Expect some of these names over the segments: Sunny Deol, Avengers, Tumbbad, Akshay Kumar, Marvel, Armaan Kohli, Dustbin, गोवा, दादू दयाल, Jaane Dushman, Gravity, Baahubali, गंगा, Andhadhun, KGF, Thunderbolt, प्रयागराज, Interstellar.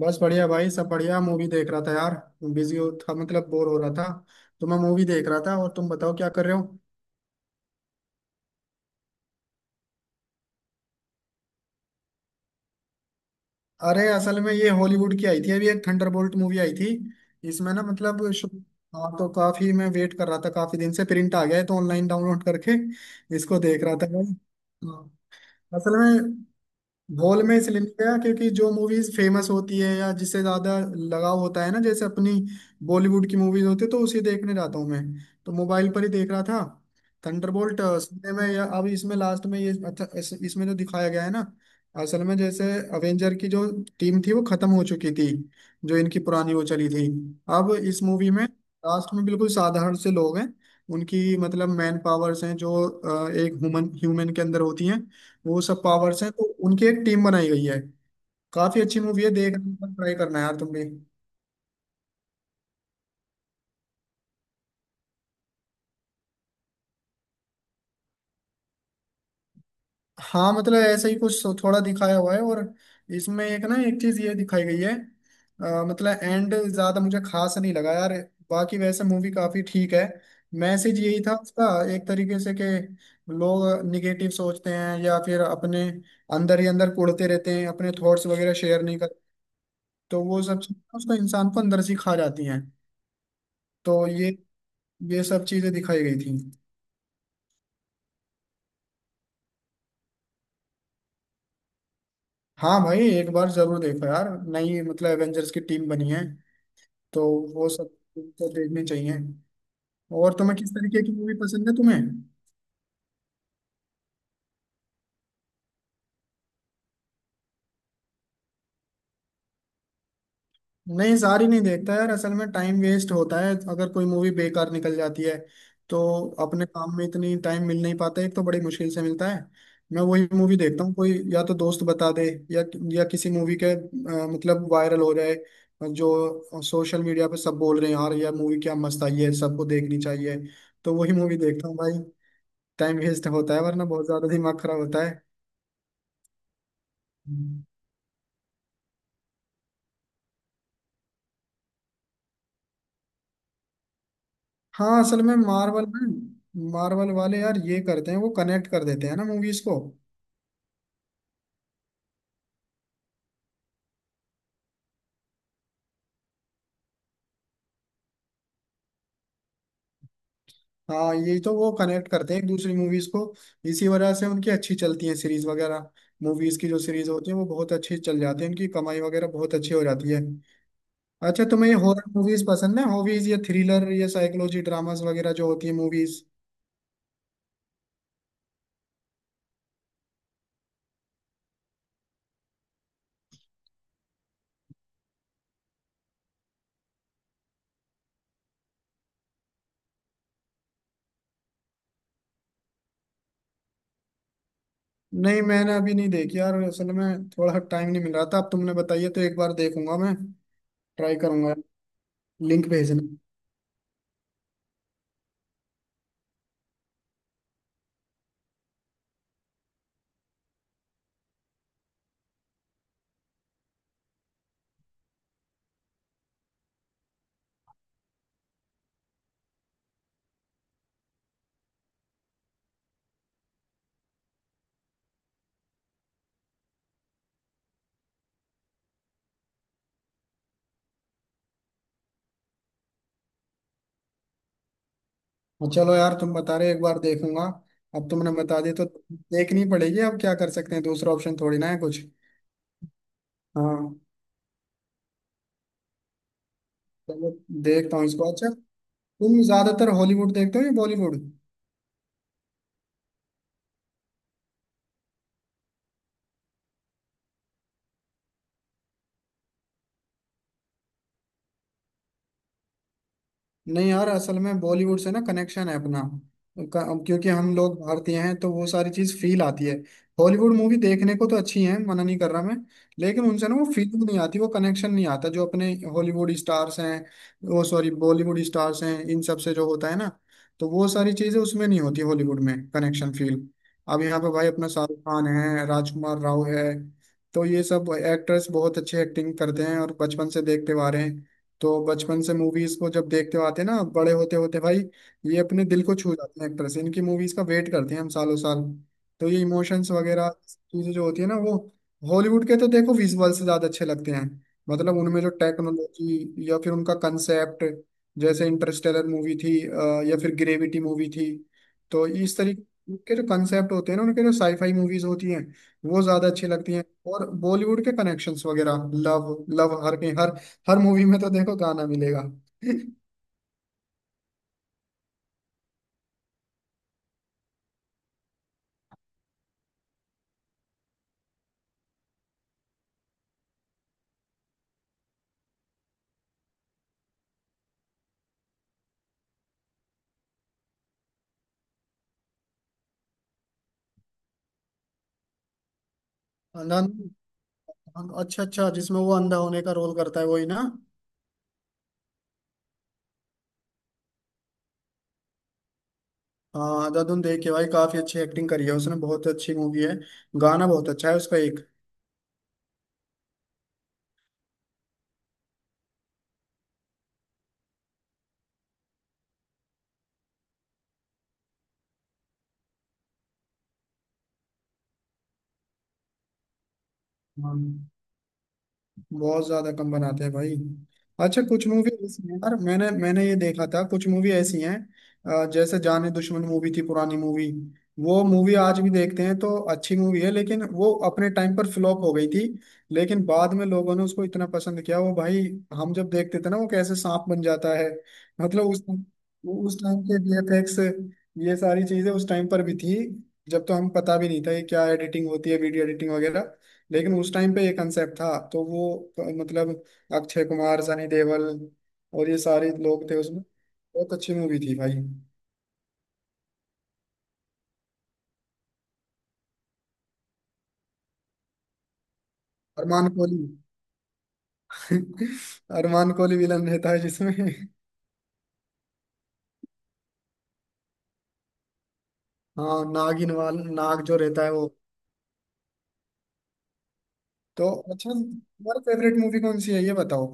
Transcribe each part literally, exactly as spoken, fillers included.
बस बढ़िया भाई। सब बढ़िया। मूवी देख रहा था यार। बिजी हो था मतलब बोर हो रहा था, तो मैं मूवी देख रहा था। और तुम बताओ क्या कर रहे हो। अरे असल में ये हॉलीवुड की आई थी, अभी एक थंडरबोल्ट मूवी आई थी। इसमें ना मतलब शु- हाँ, तो काफी मैं वेट कर रहा था काफी दिन से। प्रिंट आ गया है तो ऑनलाइन डाउनलोड करके इसको देख रहा था भाई। हाँ। असल में गोल में इसलिए नहीं गया क्योंकि जो मूवीज फेमस होती है या जिससे ज्यादा लगाव होता है ना, जैसे अपनी बॉलीवुड की मूवीज होती है तो उसी देखने जाता हूँ मैं। तो मोबाइल पर ही देख रहा था। थंडरबोल्ट सुनने में या अब इसमें लास्ट में ये अच्छा इस- इसमें जो दिखाया गया है ना, असल में जैसे अवेंजर की जो टीम थी वो खत्म हो चुकी थी। जो इनकी पुरानी वो चली थी। अब इस मूवी में लास्ट में बिल्कुल साधारण से लोग हैं। उनकी मतलब मैन पावर्स हैं जो अ, एक ह्यूमन ह्यूमन के अंदर होती हैं। वो सब पावर्स हैं, तो उनकी एक टीम बनाई गई है। काफी अच्छी मूवी है, देखना ट्राई करना यार तुम भी। हाँ मतलब ऐसा ही कुछ थोड़ा दिखाया हुआ है। और इसमें एक ना एक चीज ये दिखाई गई है। अ, मतलब एंड ज्यादा मुझे खास नहीं लगा यार, बाकी वैसे मूवी काफी ठीक है। मैसेज यही था उसका एक तरीके से, कि लोग निगेटिव सोचते हैं या फिर अपने अंदर ही अंदर कुढ़ते रहते हैं, अपने थॉट्स वगैरह शेयर नहीं करते। तो वो सब चीजें उसको इंसान को अंदर से खा जाती हैं। तो ये ये सब चीजें दिखाई गई थी। हाँ भाई एक बार जरूर देखो यार। नई मतलब एवेंजर्स की टीम बनी है, तो वो सब तो देखनी चाहिए। और तुम्हें किस तरीके की मूवी पसंद है तुम्हें। नहीं सारी नहीं देखता यार, असल में टाइम वेस्ट होता है अगर कोई मूवी बेकार निकल जाती है। तो अपने काम में इतनी टाइम मिल नहीं पाता है, एक तो बड़ी मुश्किल से मिलता है। मैं वही मूवी देखता हूँ कोई, या तो दोस्त बता दे या या किसी मूवी के अ, मतलब वायरल हो जाए, जो सोशल मीडिया पे सब बोल रहे हैं यार यह मूवी क्या मस्त आई है सबको देखनी चाहिए, तो वही मूवी देखता हूँ भाई। टाइम वेस्ट होता है वरना, बहुत ज्यादा दिमाग खराब होता है। हाँ असल में मार्वल में मार्वल वाले यार ये करते हैं, वो कनेक्ट कर देते हैं ना मूवीज को। हाँ ये तो वो कनेक्ट करते हैं एक दूसरी मूवीज को। इसी वजह से उनकी अच्छी चलती है सीरीज वगैरह। मूवीज की जो सीरीज होती है वो बहुत अच्छी चल जाती है, उनकी कमाई वगैरह बहुत अच्छी हो जाती है। अच्छा तुम्हें ये हॉरर मूवीज पसंद है, हॉबीज या थ्रिलर या साइकोलॉजी ड्रामास वगैरह जो होती है मूवीज। नहीं मैंने अभी नहीं देखी यार, असल में थोड़ा टाइम नहीं मिल रहा था। अब तुमने बताइए तो एक बार देखूंगा मैं, ट्राई करूंगा। लिंक भेजना। और चलो यार तुम बता रहे हो, एक बार देखूंगा। अब तुमने बता दिया तो देखनी पड़ेगी, अब क्या कर सकते हैं, दूसरा ऑप्शन थोड़ी ना है कुछ। हाँ चलो देखता हूँ इसको। अच्छा तुम ज्यादातर हॉलीवुड देखते हो या बॉलीवुड। नहीं यार असल में बॉलीवुड से ना कनेक्शन है अपना, क- क्योंकि हम लोग भारतीय हैं, तो वो सारी चीज फील आती है। हॉलीवुड मूवी देखने को तो अच्छी है, मना नहीं कर रहा मैं। लेकिन उनसे ना वो फीलिंग नहीं आती, वो कनेक्शन नहीं आता जो अपने हॉलीवुड स्टार्स हैं, वो सॉरी बॉलीवुड स्टार्स हैं, इन सब से जो होता है ना। तो वो सारी चीजें उसमें नहीं होती हॉलीवुड में, कनेक्शन फील। अब यहाँ पे भाई अपना शाहरुख खान है, राजकुमार राव है। तो ये सब एक्टर्स बहुत अच्छे एक्टिंग करते हैं और बचपन से देखते हुए आ रहे हैं। तो बचपन से मूवीज को जब देखते हो आते हैं ना, बड़े होते होते भाई, ये अपने दिल को छू जाते हैं एक तरह से। इनकी मूवीज का वेट करते हैं हम सालों साल। तो ये इमोशंस वगैरह चीजें जो होती है ना वो, हॉलीवुड के तो देखो विजुअल से ज्यादा अच्छे लगते हैं। मतलब उनमें जो टेक्नोलॉजी या फिर उनका कंसेप्ट, जैसे इंटरस्टेलर मूवी थी अ, या फिर ग्रेविटी मूवी थी। तो इस तरीके के जो कंसेप्ट होते हैं ना उनके, जो साईफाई मूवीज होती हैं वो ज्यादा अच्छी लगती हैं। और बॉलीवुड के कनेक्शंस वगैरह लव लव हर के हर, हर मूवी में तो देखो गाना मिलेगा। अंधाधुन। अच्छा अच्छा, जिसमें वो अंधा होने का रोल करता है वही ना। हाँ अंधाधुन देख के भाई, काफी अच्छी एक्टिंग करी है उसने, बहुत अच्छी मूवी है। गाना बहुत अच्छा है उसका एक। हाँ बहुत ज्यादा कम बनाते हैं भाई। अच्छा कुछ मूवी ऐसी हैं यार, मैंने मैंने ये देखा था कुछ मूवी ऐसी हैं, अ, जैसे जाने दुश्मन मूवी थी, पुरानी मूवी। वो मूवी आज भी देखते हैं तो अच्छी मूवी है, लेकिन वो अपने टाइम पर फ्लॉप हो गई थी। लेकिन बाद में लोगों ने उसको इतना पसंद किया, वो भाई हम जब देखते थे ना वो कैसे सांप बन जाता है। मतलब उस उस टाइम के वीएफएक्स, ये सारी चीजें उस टाइम पर भी थी। जब तो हम पता भी नहीं था ये क्या एडिटिंग होती है, वीडियो एडिटिंग वगैरह। लेकिन उस टाइम पे ये कंसेप्ट था, तो वो अ, मतलब अक्षय कुमार, सनी देओल और ये सारे लोग थे उसमें। बहुत अच्छी मूवी थी भाई। अरमान कोहली। अरमान कोहली विलन रहता है जिसमें। हाँ नागिन वाल नाग जो रहता है वो। तो अच्छा तुम्हारा फेवरेट मूवी कौन सी है ये बताओ।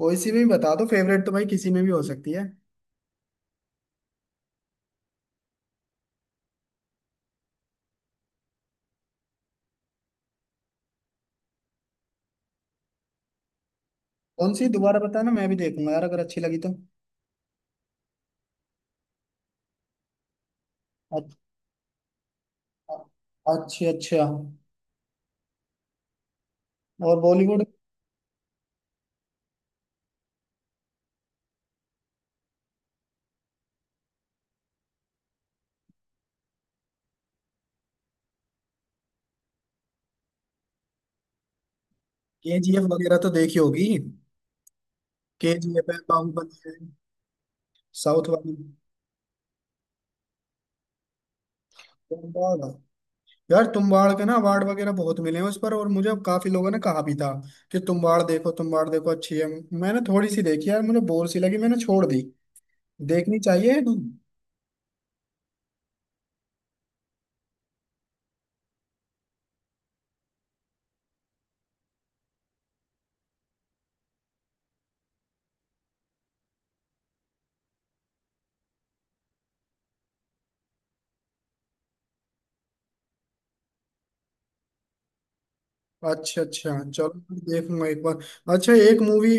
कोई सी भी बता दो, फेवरेट तो भाई किसी में भी हो सकती है। कौन सी दोबारा बताना, मैं भी देखूंगा यार अगर अच्छी लगी तो। अच्छा अच्छा अच्छा। और बॉलीवुड। केजीएफ वगैरह तो देखी होगी। केजीएफ है, बाहुबली है, साउथ वाली। तुम्बाड़। यार तुम्बाड़ के ना अवार्ड वगैरह बहुत मिले हैं उस पर, और मुझे काफी लोगों ने कहा भी था कि तुम्बाड़ देखो तुम्बाड़ देखो अच्छी है। मैंने थोड़ी सी देखी यार, मुझे बोर सी लगी, मैंने छोड़ दी। देखनी चाहिए या नहीं। अच्छा अच्छा चलो मैं देखूंगा एक बार। अच्छा एक मूवी,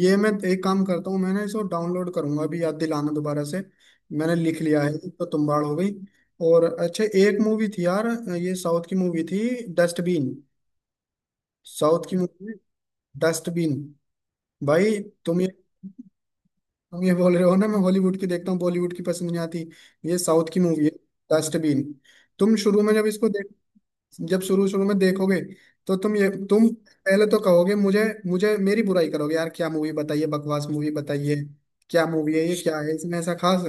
ये मैं एक काम करता हूँ, मैंने इसको डाउनलोड करूंगा, अभी याद दिलाना दोबारा से। मैंने लिख लिया है, एक तो तुम्बाड़ हो गई। और अच्छा एक मूवी थी यार, ये साउथ की मूवी थी, डस्टबिन। साउथ की मूवी, डस्टबिन, भाई। तुम ये तुम ये बोल रहे हो ना मैं हॉलीवुड की देखता हूँ बॉलीवुड की पसंद नहीं आती, ये साउथ की मूवी है, डस्टबिन। तुम शुरू में जब इसको, जब शुरू शुरू में देखोगे, तो तुम ये तुम पहले तो कहोगे मुझे, मुझे मेरी बुराई करोगे यार क्या मूवी बताइए, बकवास मूवी बताइए, क्या मूवी है ये, क्या है इसमें ऐसा खास।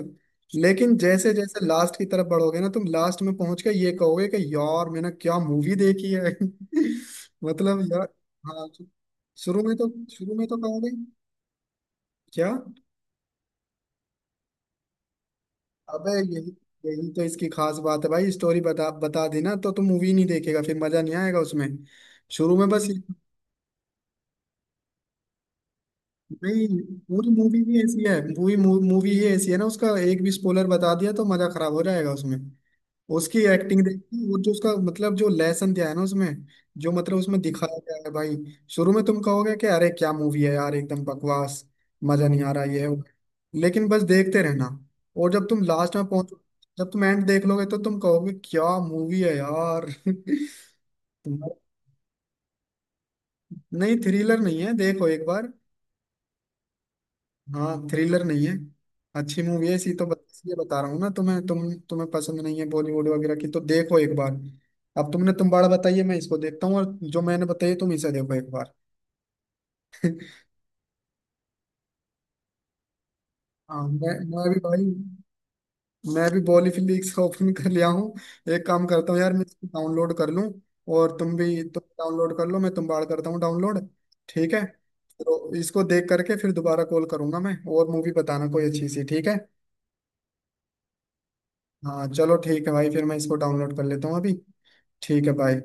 लेकिन जैसे जैसे लास्ट की तरफ बढ़ोगे ना तुम, लास्ट में पहुंच के ये कहोगे कि यार मैंने क्या मूवी देखी है। मतलब यार। हाँ तो शुरू में तो शुरू में तो कहोगे क्या। अबे यही यही तो इसकी खास बात है भाई, स्टोरी बता बता देना तो तुम मूवी नहीं देखेगा फिर, मजा नहीं आएगा उसमें। शुरू में बस। नहीं पूरी मूवी ही ऐसी है, पूरी मूवी ही ऐसी है ना उसका एक भी स्पॉइलर बता दिया तो मजा खराब हो जाएगा उसमें। उसकी एक्टिंग देखी, वो जो उसका मतलब जो लेसन दिया है ना उसमें, जो मतलब उसमें दिखाया गया है भाई। शुरू में तुम कहोगे कि अरे क्या मूवी है यार एकदम बकवास, मजा नहीं आ रहा, ये है वो। लेकिन बस देखते रहना, और जब तुम लास्ट में पहुंचो, जब तुम एंड देख लोगे, तो तुम कहोगे क्या मूवी है यार। नहीं थ्रिलर नहीं है, देखो एक बार। हाँ थ्रिलर नहीं है, अच्छी मूवी है। इसी तो बत, इसलिए बता रहा हूँ ना तुम्हें, तुम तुम्हें पसंद नहीं है बॉलीवुड वगैरह की, तो देखो एक बार। अब तुमने तुम बाड़ा बताइए मैं इसको देखता हूँ, और जो मैंने बताई तुम इसे देखो एक बार। हाँ मैं मैं भी भाई, मैं भी बॉली फिलिक्स ओपन कर लिया हूँ। एक काम करता हूँ यार, मैं इसको डाउनलोड कर लूँ। और तुम भी तुम डाउनलोड कर लो, मैं तुम बाड़ करता हूँ डाउनलोड। ठीक है। तो इसको देख करके फिर दोबारा कॉल करूंगा मैं, और मूवी बताना कोई अच्छी सी, ठीक है। हाँ चलो ठीक है भाई, फिर मैं इसको डाउनलोड कर लेता हूँ अभी। ठीक है भाई।